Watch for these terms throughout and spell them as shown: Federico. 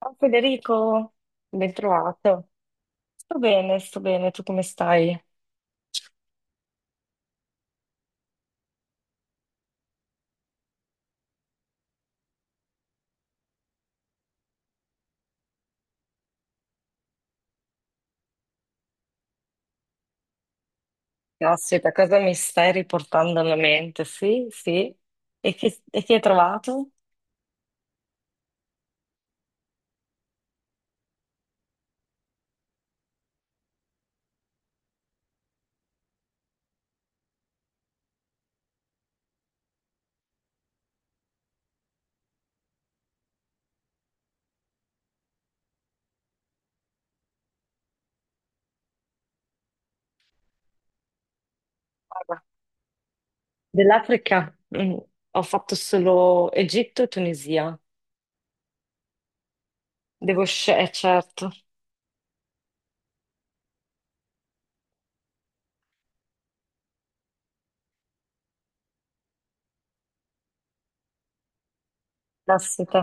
Ciao Federico, ben trovato. Sto bene, tu come stai? Caspita, cosa mi stai riportando alla mente? Sì, sì. E chi hai trovato? Guarda, dell'Africa. Ho fatto solo Egitto e Tunisia. Devo scegliere, certo. Caspita,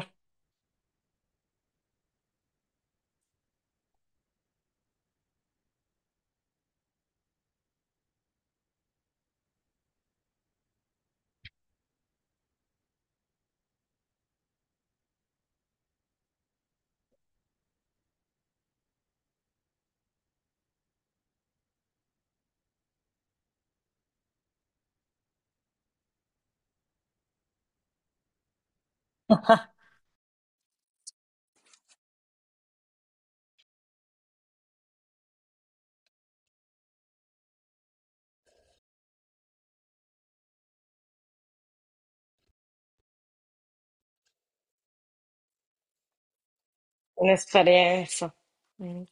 un'esperienza. Mm.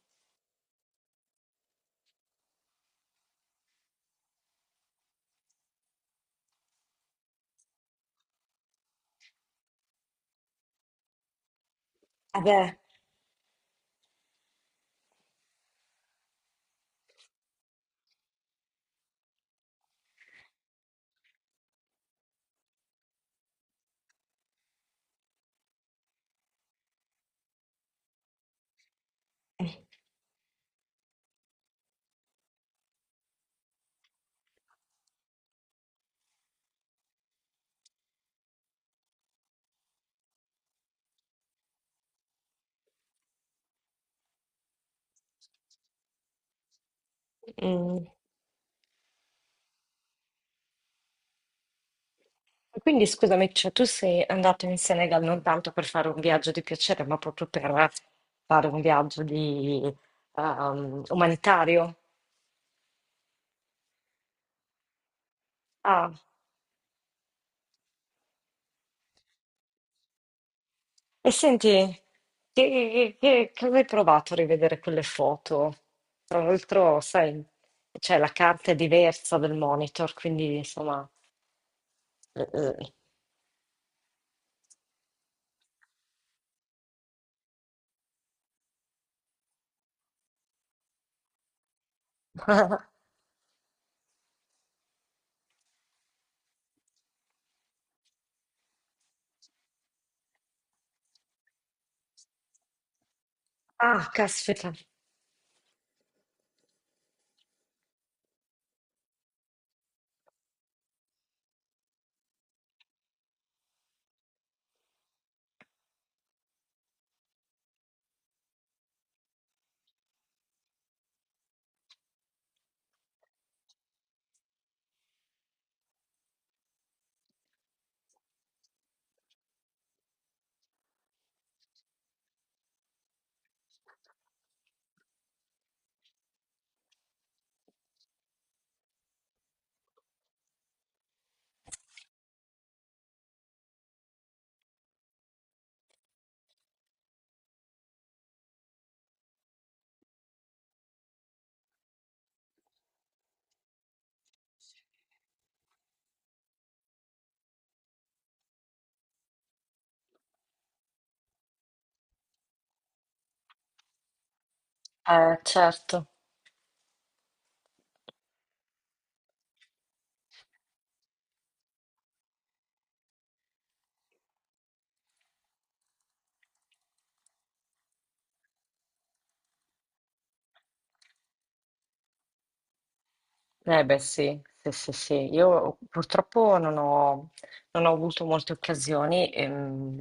Vabbè, mm. Quindi scusami, cioè, tu sei andato in Senegal non tanto per fare un viaggio di piacere, ma proprio per fare un viaggio di, umanitario. Ah, e senti, che avevi provato a rivedere quelle foto? Tra l'altro, sai, cioè, la carta è diversa del monitor, quindi insomma... eh. Ah, caspita, certo. Eh beh sì, sì, sì, sì. Io purtroppo non ho avuto molte occasioni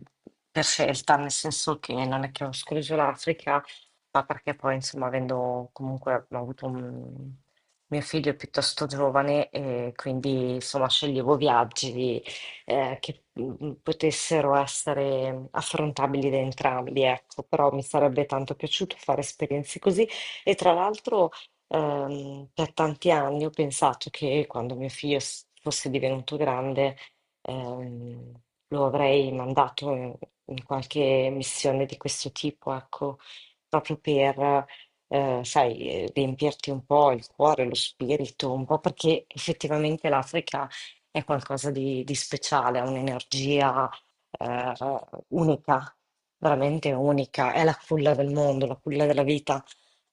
per scelta, nel senso che non è che ho escluso l'Africa, ma perché poi insomma avendo comunque ho avuto un mio figlio è piuttosto giovane e quindi insomma sceglievo viaggi che potessero essere affrontabili da entrambi, ecco, però mi sarebbe tanto piaciuto fare esperienze così. E tra l'altro, per tanti anni ho pensato che quando mio figlio fosse divenuto grande, ehm, lo avrei mandato in, in qualche missione di questo tipo, ecco, proprio per, sai, riempirti un po' il cuore, lo spirito, un po' perché effettivamente l'Africa è qualcosa di speciale, ha un'energia, eh, unica, veramente unica, è la culla del mondo, la culla della vita.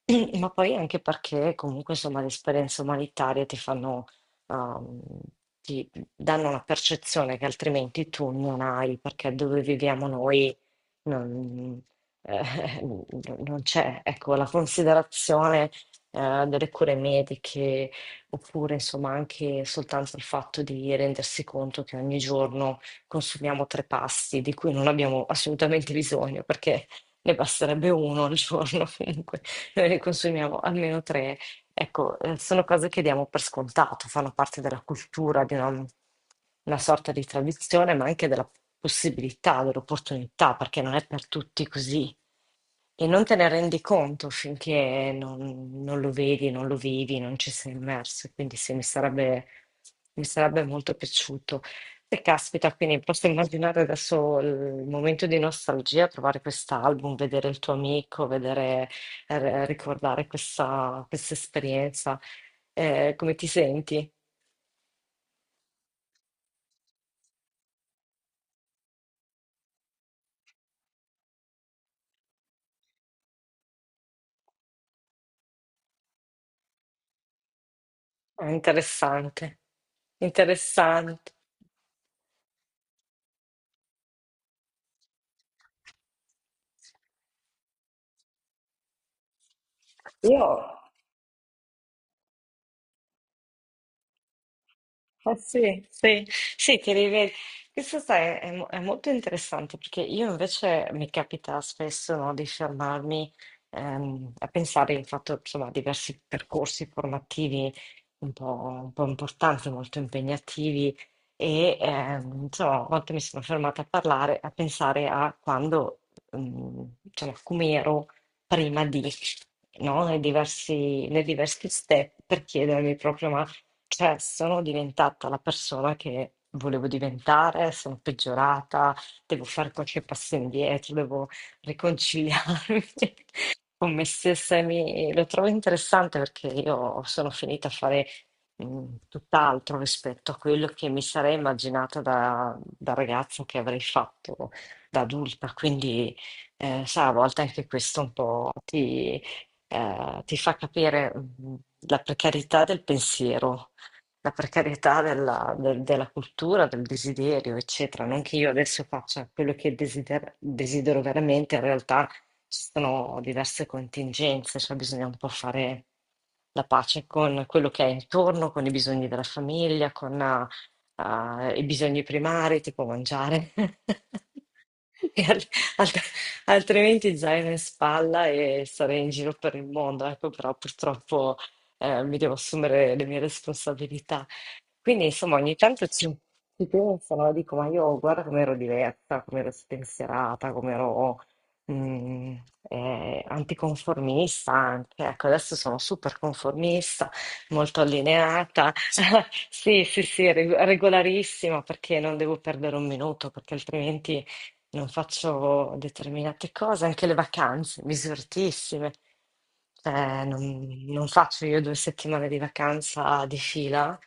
Ma poi anche perché comunque insomma le esperienze umanitarie ti fanno, ehm, ti danno una percezione che altrimenti tu non hai, perché dove viviamo noi non, eh, non- non c'è, ecco, la considerazione, delle cure mediche, oppure insomma anche soltanto il fatto di rendersi conto che ogni giorno consumiamo tre pasti di cui non abbiamo assolutamente bisogno, perché ne basterebbe uno al giorno comunque. Noi ne consumiamo almeno tre. Ecco, sono cose che diamo per scontato, fanno parte della cultura, di una sorta di tradizione, ma anche della possibilità, dell'opportunità, perché non è per tutti così. E non te ne rendi conto finché non, non lo vedi, non lo vivi, non ci sei immerso. Quindi sì, mi sarebbe molto piaciuto. E caspita, quindi posso immaginare adesso il momento di nostalgia, trovare quest'album, vedere il tuo amico, vedere, ricordare questa, questa esperienza. Come ti senti? È interessante, interessante. Io, eh sì, sì, sì, ti rivedi. Questo sai, è, è molto interessante perché io invece mi capita spesso, no, di fermarmi a pensare, ho fatto insomma diversi percorsi formativi un po', un po' importanti, molto impegnativi e insomma, a volte mi sono fermata a parlare, a pensare a quando, diciamo, come ero prima di, no, nei diversi step per chiedermi proprio ma cioè, sono diventata la persona che volevo diventare, sono peggiorata, devo fare qualche passo indietro, devo riconciliarmi. Con me stessa e lo trovo interessante perché io sono finita a fare tutt'altro rispetto a quello che mi sarei immaginata da, da ragazza che avrei fatto da adulta. Quindi, sa, a volte anche questo un po' ti, ti fa capire la precarietà del pensiero. La precarietà della, della cultura, del desiderio, eccetera. Non che io adesso faccia quello che desidero veramente, in realtà ci sono diverse contingenze, cioè bisogna un po' fare la pace con quello che è intorno, con i bisogni della famiglia, con i bisogni primari, tipo mangiare. E al- alt- altrimenti zaino in spalla e sarei in giro per il mondo, ecco, però purtroppo mi devo assumere le mie responsabilità. Quindi, insomma, ci penso, no? Dico, ma io guarda come ero diversa, come ero spensierata, mhmm, anticonformista anche. Ecco, adesso sono super conformista, molto allineata. Sì, sì, sì, regolarissima perché non devo perdere un minuto, perché altrimenti non faccio determinate cose. Anche le vacanze, misuratissime. Cioè non faccio io 2 settimane di vacanza di fila,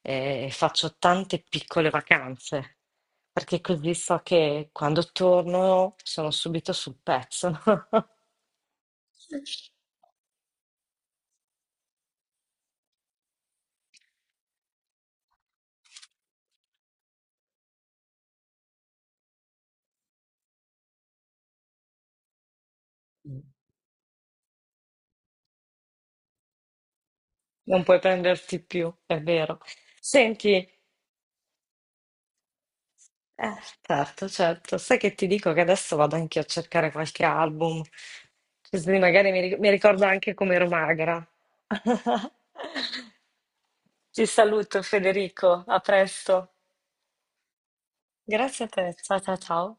e faccio tante piccole vacanze, perché così so che quando torno sono subito sul pezzo. Non puoi prenderti più, è vero. Senti, eh, certo, certo. Sai che ti dico che adesso vado anche a cercare qualche album, così magari mi ricordo anche come ero magra. Ti saluto, Federico. A presto. Grazie a te. Ciao, ciao, ciao.